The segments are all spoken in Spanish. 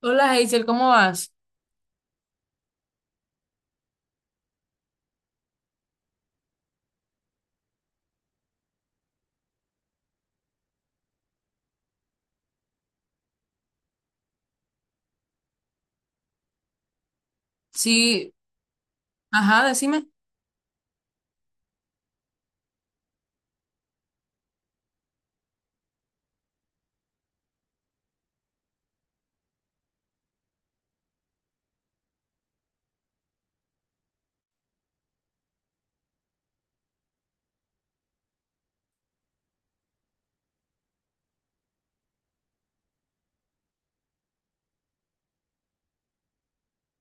Hola Hazel, ¿cómo vas? Sí, ajá, decime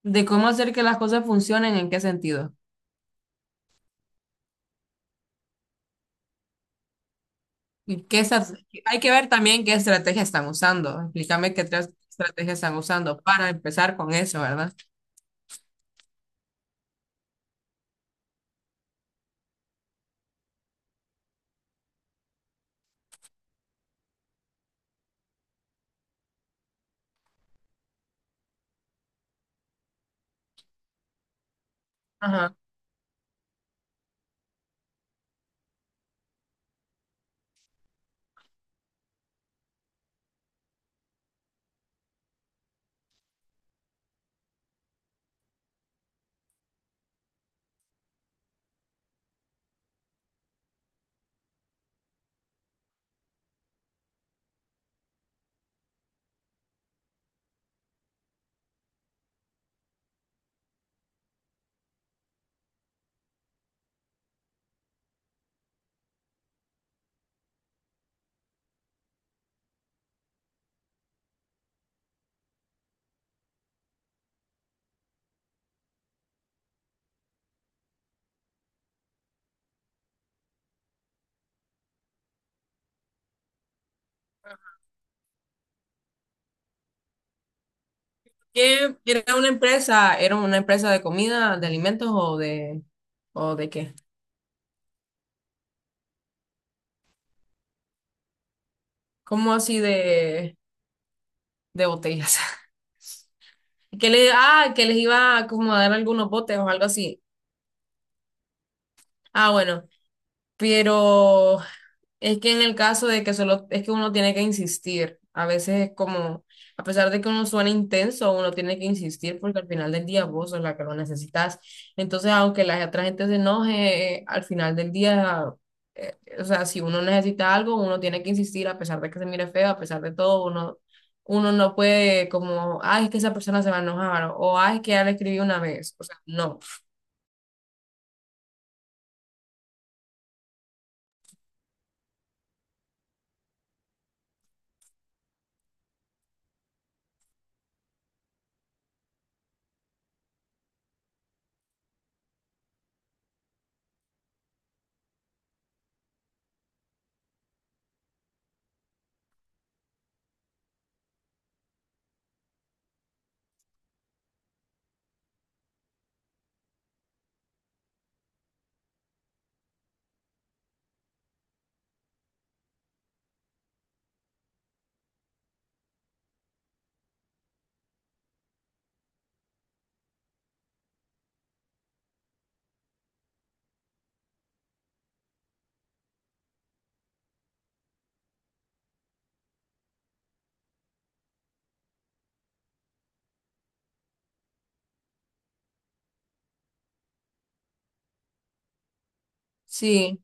de cómo hacer que las cosas funcionen, en qué sentido. Y qué estra- Hay que ver también qué estrategia están usando. Explícame qué tres estrategias están usando para empezar con eso, ¿verdad? Ajá. ¿Qué era una empresa? ¿Era una empresa de comida, de alimentos o de qué? ¿Cómo así de botellas? Que le, ah, que les iba a como a dar algunos botes o algo así. Ah, bueno, pero es que en el caso de que solo es que uno tiene que insistir, a veces es como, a pesar de que uno suene intenso, uno tiene que insistir porque al final del día vos sos la que lo necesitas. Entonces, aunque la otra gente se enoje, al final del día, o sea, si uno necesita algo, uno tiene que insistir a pesar de que se mire feo, a pesar de todo, uno no puede como, ay, es que esa persona se va a enojar o ay, es que ya le escribí una vez. O sea, no. Sí.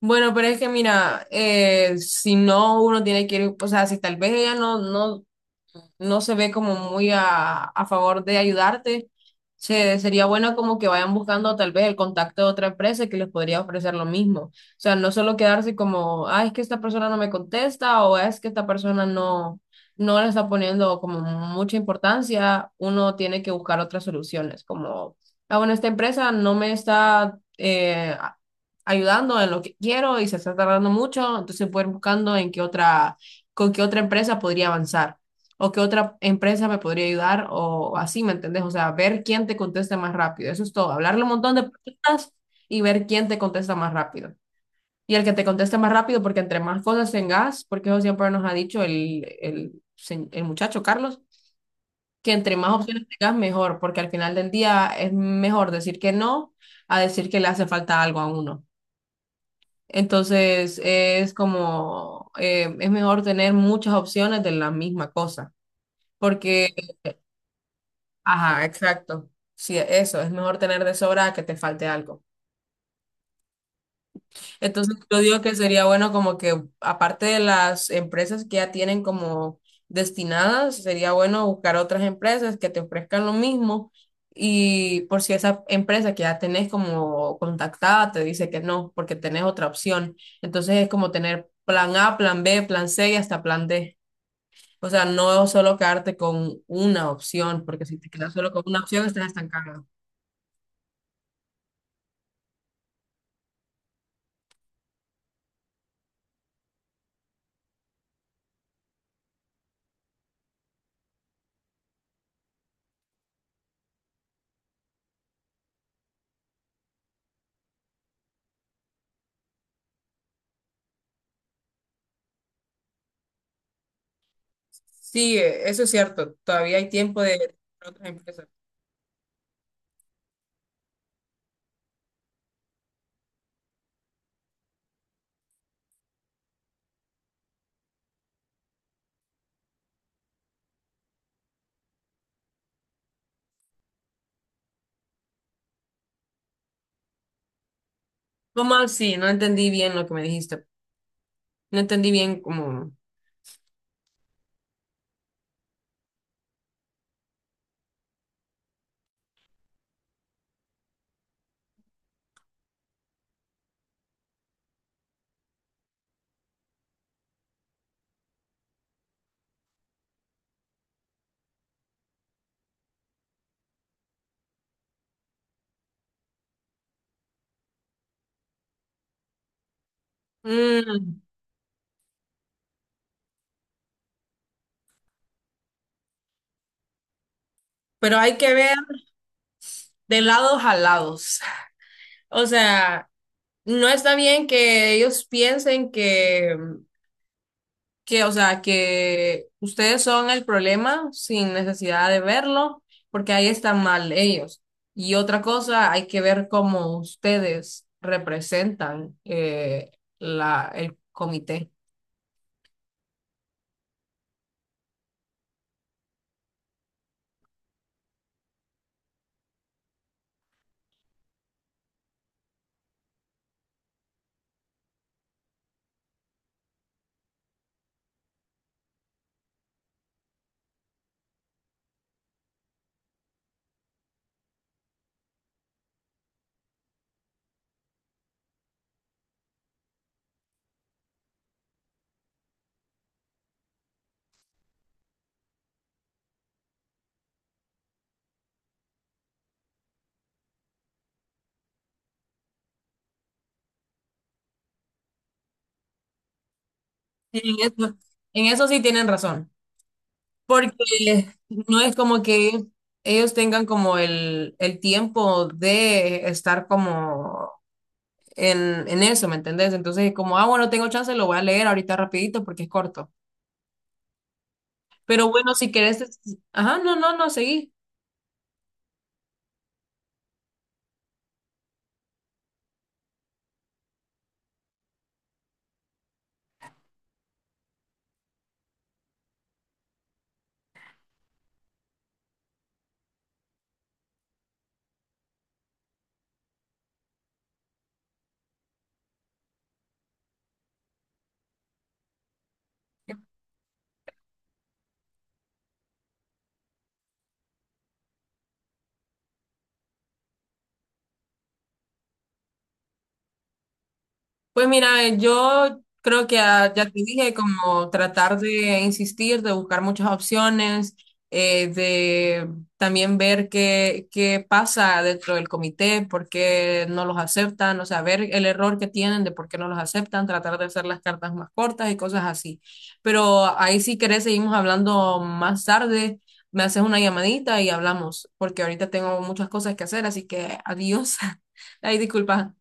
Bueno, pero es que mira, si no, uno tiene que ir, o sea, si tal vez ella no se ve como muy a favor de ayudarte, se, sería bueno como que vayan buscando tal vez el contacto de otra empresa que les podría ofrecer lo mismo. O sea, no solo quedarse como, ah, es que esta persona no me contesta o es que esta persona no, no le está poniendo como mucha importancia, uno tiene que buscar otras soluciones, como, ah, bueno, esta empresa no me está... ayudando en lo que quiero y se está tardando mucho, entonces voy buscando en qué otra, con qué otra empresa podría avanzar o qué otra empresa me podría ayudar o así, ¿me entendés? O sea, ver quién te contesta más rápido. Eso es todo. Hablarle un montón de preguntas y ver quién te contesta más rápido. Y el que te conteste más rápido, porque entre más cosas tengas, porque eso siempre nos ha dicho el muchacho Carlos, que entre más opciones tengas, mejor, porque al final del día es mejor decir que no a decir que le hace falta algo a uno. Entonces, es como, es mejor tener muchas opciones de la misma cosa, porque ajá, exacto. Sí, eso, es mejor tener de sobra a que te falte algo. Entonces, yo digo que sería bueno como que, aparte de las empresas que ya tienen como destinadas, sería bueno buscar otras empresas que te ofrezcan lo mismo y por si esa empresa que ya tenés como contactada te dice que no, porque tenés otra opción. Entonces, es como tener plan A, plan B, plan C y hasta plan D. O sea, no solo quedarte con una opción, porque si te quedas solo con una opción, estás estancado. Sí, eso es cierto. Todavía hay tiempo de otras empresas. ¿Cómo así? No entendí bien lo que me dijiste. No entendí bien cómo. Mm, pero hay que ver de lados a lados. O sea, no está bien que ellos piensen que, o sea, que ustedes son el problema sin necesidad de verlo, porque ahí están mal ellos. Y otra cosa, hay que ver cómo ustedes representan la, el comité. En eso, en eso sí tienen razón, porque no es como que ellos tengan como el tiempo de estar como en eso, ¿me entendés? Entonces es como, ah, bueno, tengo chance, lo voy a leer ahorita rapidito porque es corto. Pero bueno, si querés, ajá, no, no, no, seguí. Pues mira, yo creo que ah, ya te dije, como tratar de insistir, de buscar muchas opciones, de también ver qué, qué pasa dentro del comité, por qué no los aceptan, o sea, ver el error que tienen de por qué no los aceptan, tratar de hacer las cartas más cortas y cosas así. Pero ahí si querés seguimos hablando más tarde, me haces una llamadita y hablamos, porque ahorita tengo muchas cosas que hacer, así que adiós. Ay, disculpa.